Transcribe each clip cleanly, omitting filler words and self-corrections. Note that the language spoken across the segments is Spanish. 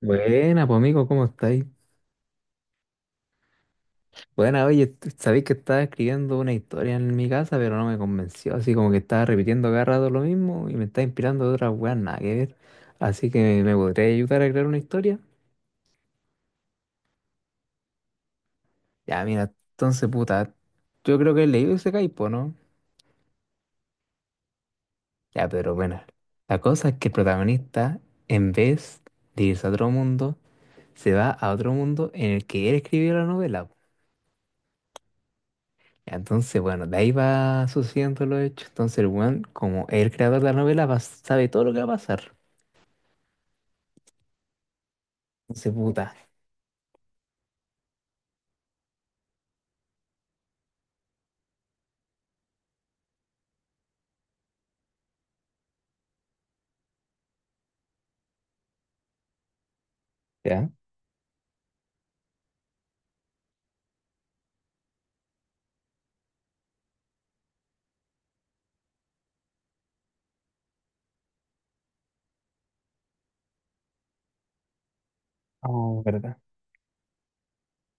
Buena, pues amigo, ¿cómo estáis? Buena, oye, sabéis que estaba escribiendo una historia en mi casa, pero no me convenció, así como que estaba repitiendo cada rato lo mismo y me está inspirando de otras weas, nada que ver. Así que me podría ayudar a crear una historia. Ya, mira, entonces, puta, yo creo que he leído ese caipo, ¿no? Ya, pero bueno, la cosa es que el protagonista, en vez de irse a otro mundo, se va a otro mundo en el que él escribió la novela. Entonces, bueno, de ahí va sucediendo los hechos. Entonces, el weón, como es el creador de la novela, sabe todo lo que va a pasar. Entonces, puta, ¿ya? Oh, ¿verdad?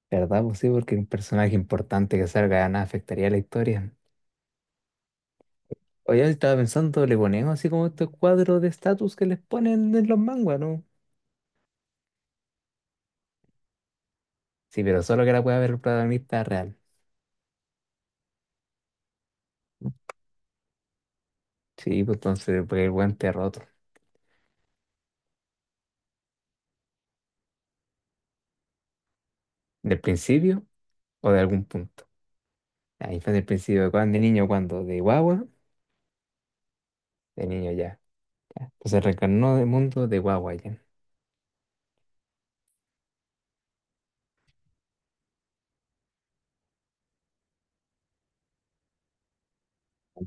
¿Verdad? Pues sí, porque un personaje importante que salga de nada afectaría a la historia. Oye, estaba pensando, le ponemos así como estos cuadros de estatus que les ponen en los manguas, ¿no? Sí, pero solo que la pueda ver el protagonista real. Sí, pues entonces, pues el weón te roto. ¿Del principio o de algún punto? Ahí fue del principio, ¿de cuándo? ¿De niño cuándo? ¿De guagua? De niño ya. Pues se reencarnó del mundo de Wawayan.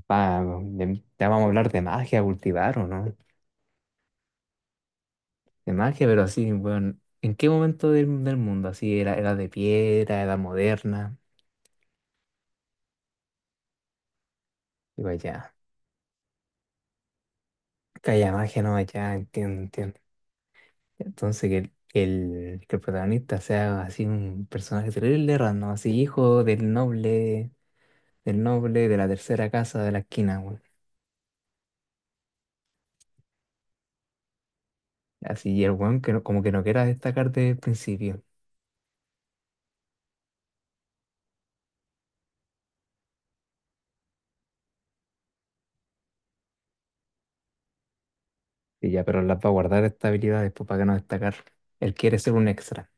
Ya vamos a hablar de magia, cultivar o no. De magia, pero así, bueno, ¿en qué momento del mundo? Así, era de piedra, era moderna. Digo, ya, que haya magia, no, ya, entiendo, entiendo. Entonces, que que el protagonista sea así un personaje terrible, random, así, hijo del noble de la tercera casa de la esquina, weón. Así, y el weón que como que no quiera destacar desde el principio. Y ya, pero las va a guardar estas habilidades pues, para que no destacar. Él quiere ser un extra.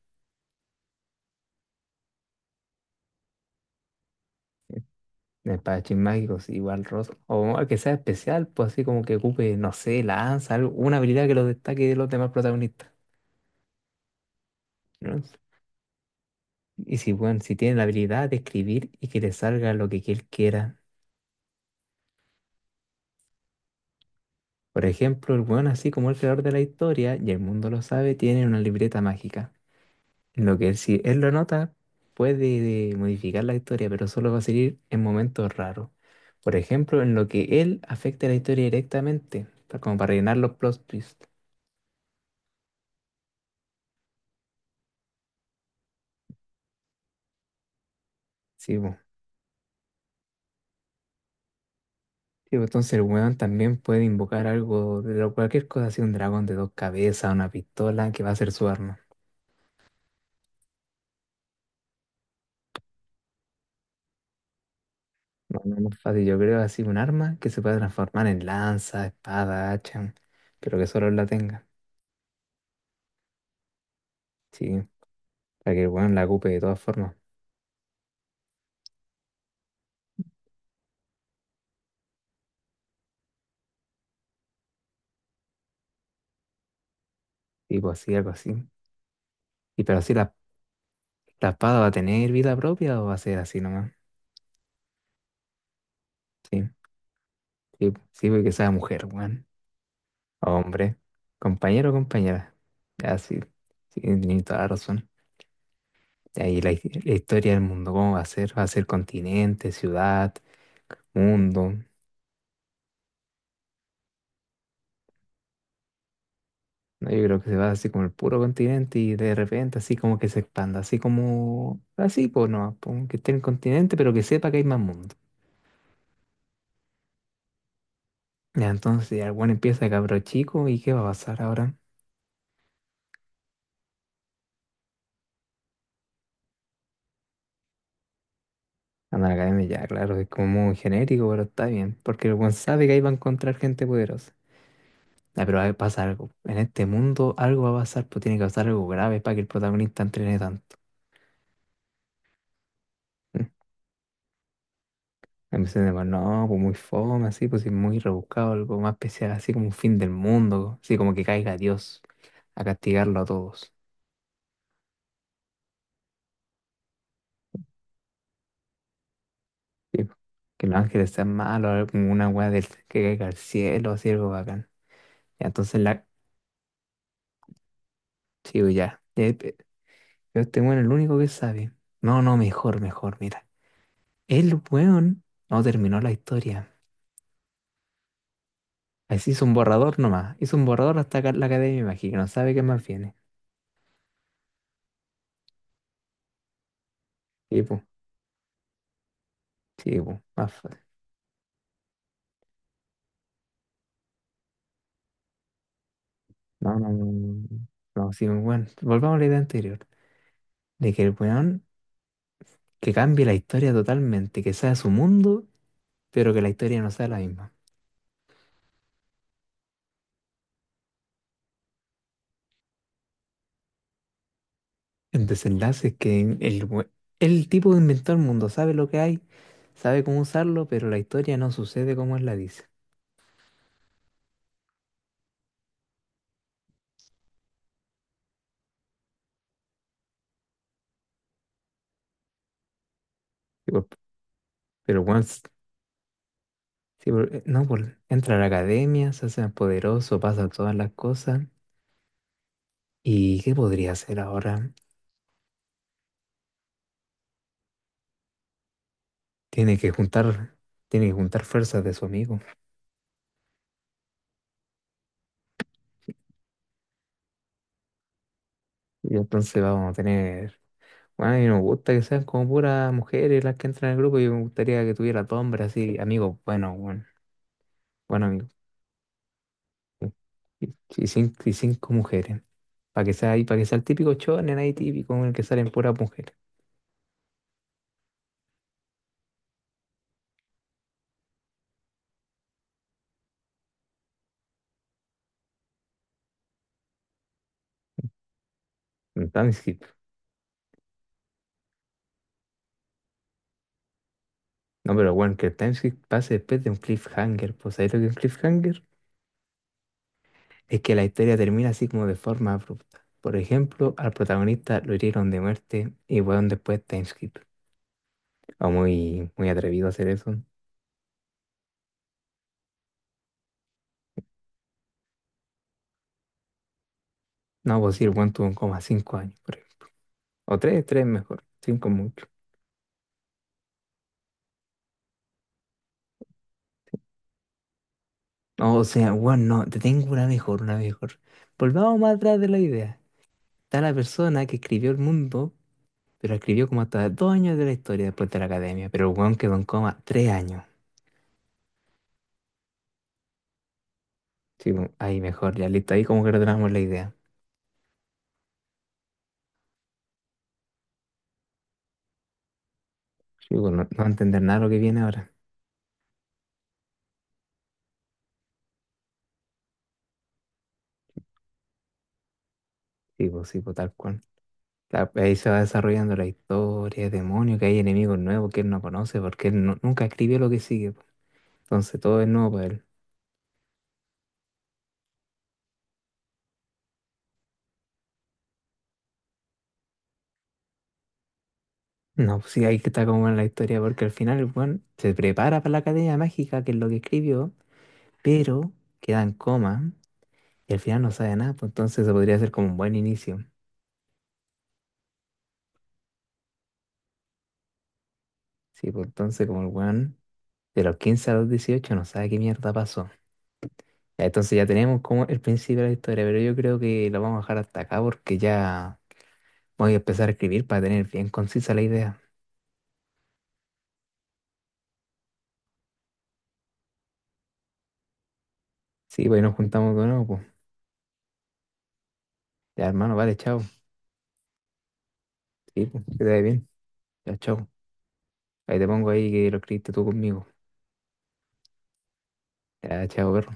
En Espadachín mágicos, igual Ross. O que sea especial, pues así como que ocupe, no sé, lanza, algo, una habilidad que lo destaque de los demás protagonistas. ¿No? Y si, bueno, si tiene la habilidad de escribir y que le salga lo que él quiera. Por ejemplo, el weón, así como el creador de la historia, y el mundo lo sabe, tiene una libreta mágica. Lo que si él lo nota, puede modificar la historia, pero solo va a seguir en momentos raros. Por ejemplo, en lo que él afecta la historia directamente, como para rellenar los plot twists. Sí, po. Sí, po. Entonces el weón también puede invocar algo, de lo- cualquier cosa, así un dragón de dos cabezas, una pistola, que va a ser su arma. No, no no es más fácil, yo creo así un arma que se pueda transformar en lanza, espada, hacha, pero que solo él la tenga. Sí, para que el weón la ocupe de todas formas. Tipo así, algo así. Y pero así las ¿la espada va a tener vida propia o va a ser así nomás? Sí, sí, sí, porque sea mujer, weón. O hombre, compañero o compañera. Ya, sí, sí, tienes toda la razón. Y ahí la historia del mundo, ¿cómo va a ser? ¿Va a ser continente, ciudad, mundo? No, yo creo que se va así como el puro continente y de repente así como que se expanda, así como, así, pues no, pues, que esté el continente, pero que sepa que hay más mundo. Ya, entonces ya el weón empieza de cabro chico y ¿qué va a pasar ahora? Amalgame ya, claro, es como muy genérico, pero está bien. Porque el buen sabe que ahí va a encontrar gente poderosa. Ah, pero ahí pasa algo. En este mundo algo va a pasar, pues tiene que pasar algo grave para que el protagonista entrene tanto. Mm. A mí se me va, no, pues muy fome, así, pues sí, muy rebuscado, algo más especial, así como un fin del mundo, así como que caiga Dios a castigarlo a todos. Sí, pues. Que los ángeles sean malos, algo como una weá del que caiga al cielo, así algo bacán. Ya, entonces la. Sí, pues, ya. Pero este weón es el único que sabe. No, no, mejor, mejor, mira. El weón no terminó la historia. Así hizo un borrador nomás. Hizo un borrador hasta acá en la academia, imagino. No sabe qué más viene. Sí, pues, sí, po, más fácil. No, no, no. No, no. No, sí, bueno. Volvamos a la idea anterior. De que el weón que cambie la historia totalmente, que sea su mundo, pero que la historia no sea la misma. El desenlace es que el tipo inventó el mundo, sabe lo que hay, sabe cómo usarlo, pero la historia no sucede como él la dice. Pero Juan, sí, no, entra a la academia, se hace más poderoso, pasa todas las cosas. ¿Y qué podría hacer ahora? Tiene que juntar, tiene que juntar fuerzas de su amigo. Y entonces vamos a tener. Bueno, a mí no me gusta que sean como puras mujeres las que entran al grupo. Yo me gustaría que tuviera todo hombre así, amigos, bueno, bueno, bueno, amigo. Y cinco mujeres. Para que sea ahí, para que sea el típico shonen ahí típico en el que salen puras mujeres. Entonces, si no, pero bueno, que el timeskip pase después de un cliffhanger. Pues ahí lo que es un cliffhanger es que la historia termina así como de forma abrupta. Por ejemplo, al protagonista lo hirieron de muerte y weón después timeskip. O muy, muy atrevido a hacer eso. No, pues sí, el weón tuvo como 5 años, por ejemplo. O tres, tres mejor. Cinco mucho. No, o sea, weón, no, te tengo una mejor, una mejor. Volvamos más atrás de la idea. Está la persona que escribió el mundo, pero escribió como hasta 2 años de la historia después de la academia. Pero el weón quedó en coma 3 años. Sí, pues, ahí mejor, ya listo. Ahí como que retomamos la idea. Sí, pues, no, no va a entender nada lo que viene ahora. Sí, pues, tal cual. Claro, pues, ahí se va desarrollando la historia, demonios, que hay enemigos nuevos que él no conoce porque él nunca escribió lo que sigue, pues. Entonces todo es nuevo para él. No, pues sí, ahí que está como en la historia porque al final el weón se prepara para la Academia Mágica, que es lo que escribió, pero queda en coma y al final no sabe nada. Pues entonces se podría hacer como un buen inicio. Sí, pues entonces como el weón de los 15 a los 18 no sabe qué mierda pasó. Ya. Entonces ya tenemos como el principio de la historia, pero yo creo que lo vamos a dejar hasta acá porque ya voy a empezar a escribir para tener bien concisa la idea. Sí, pues ahí nos juntamos de nuevo, pues. Ya, hermano, vale, chao. Sí, pues, que te vaya bien. Ya, chao. Ahí te pongo ahí que lo escribiste tú conmigo. Ya, chao, perro.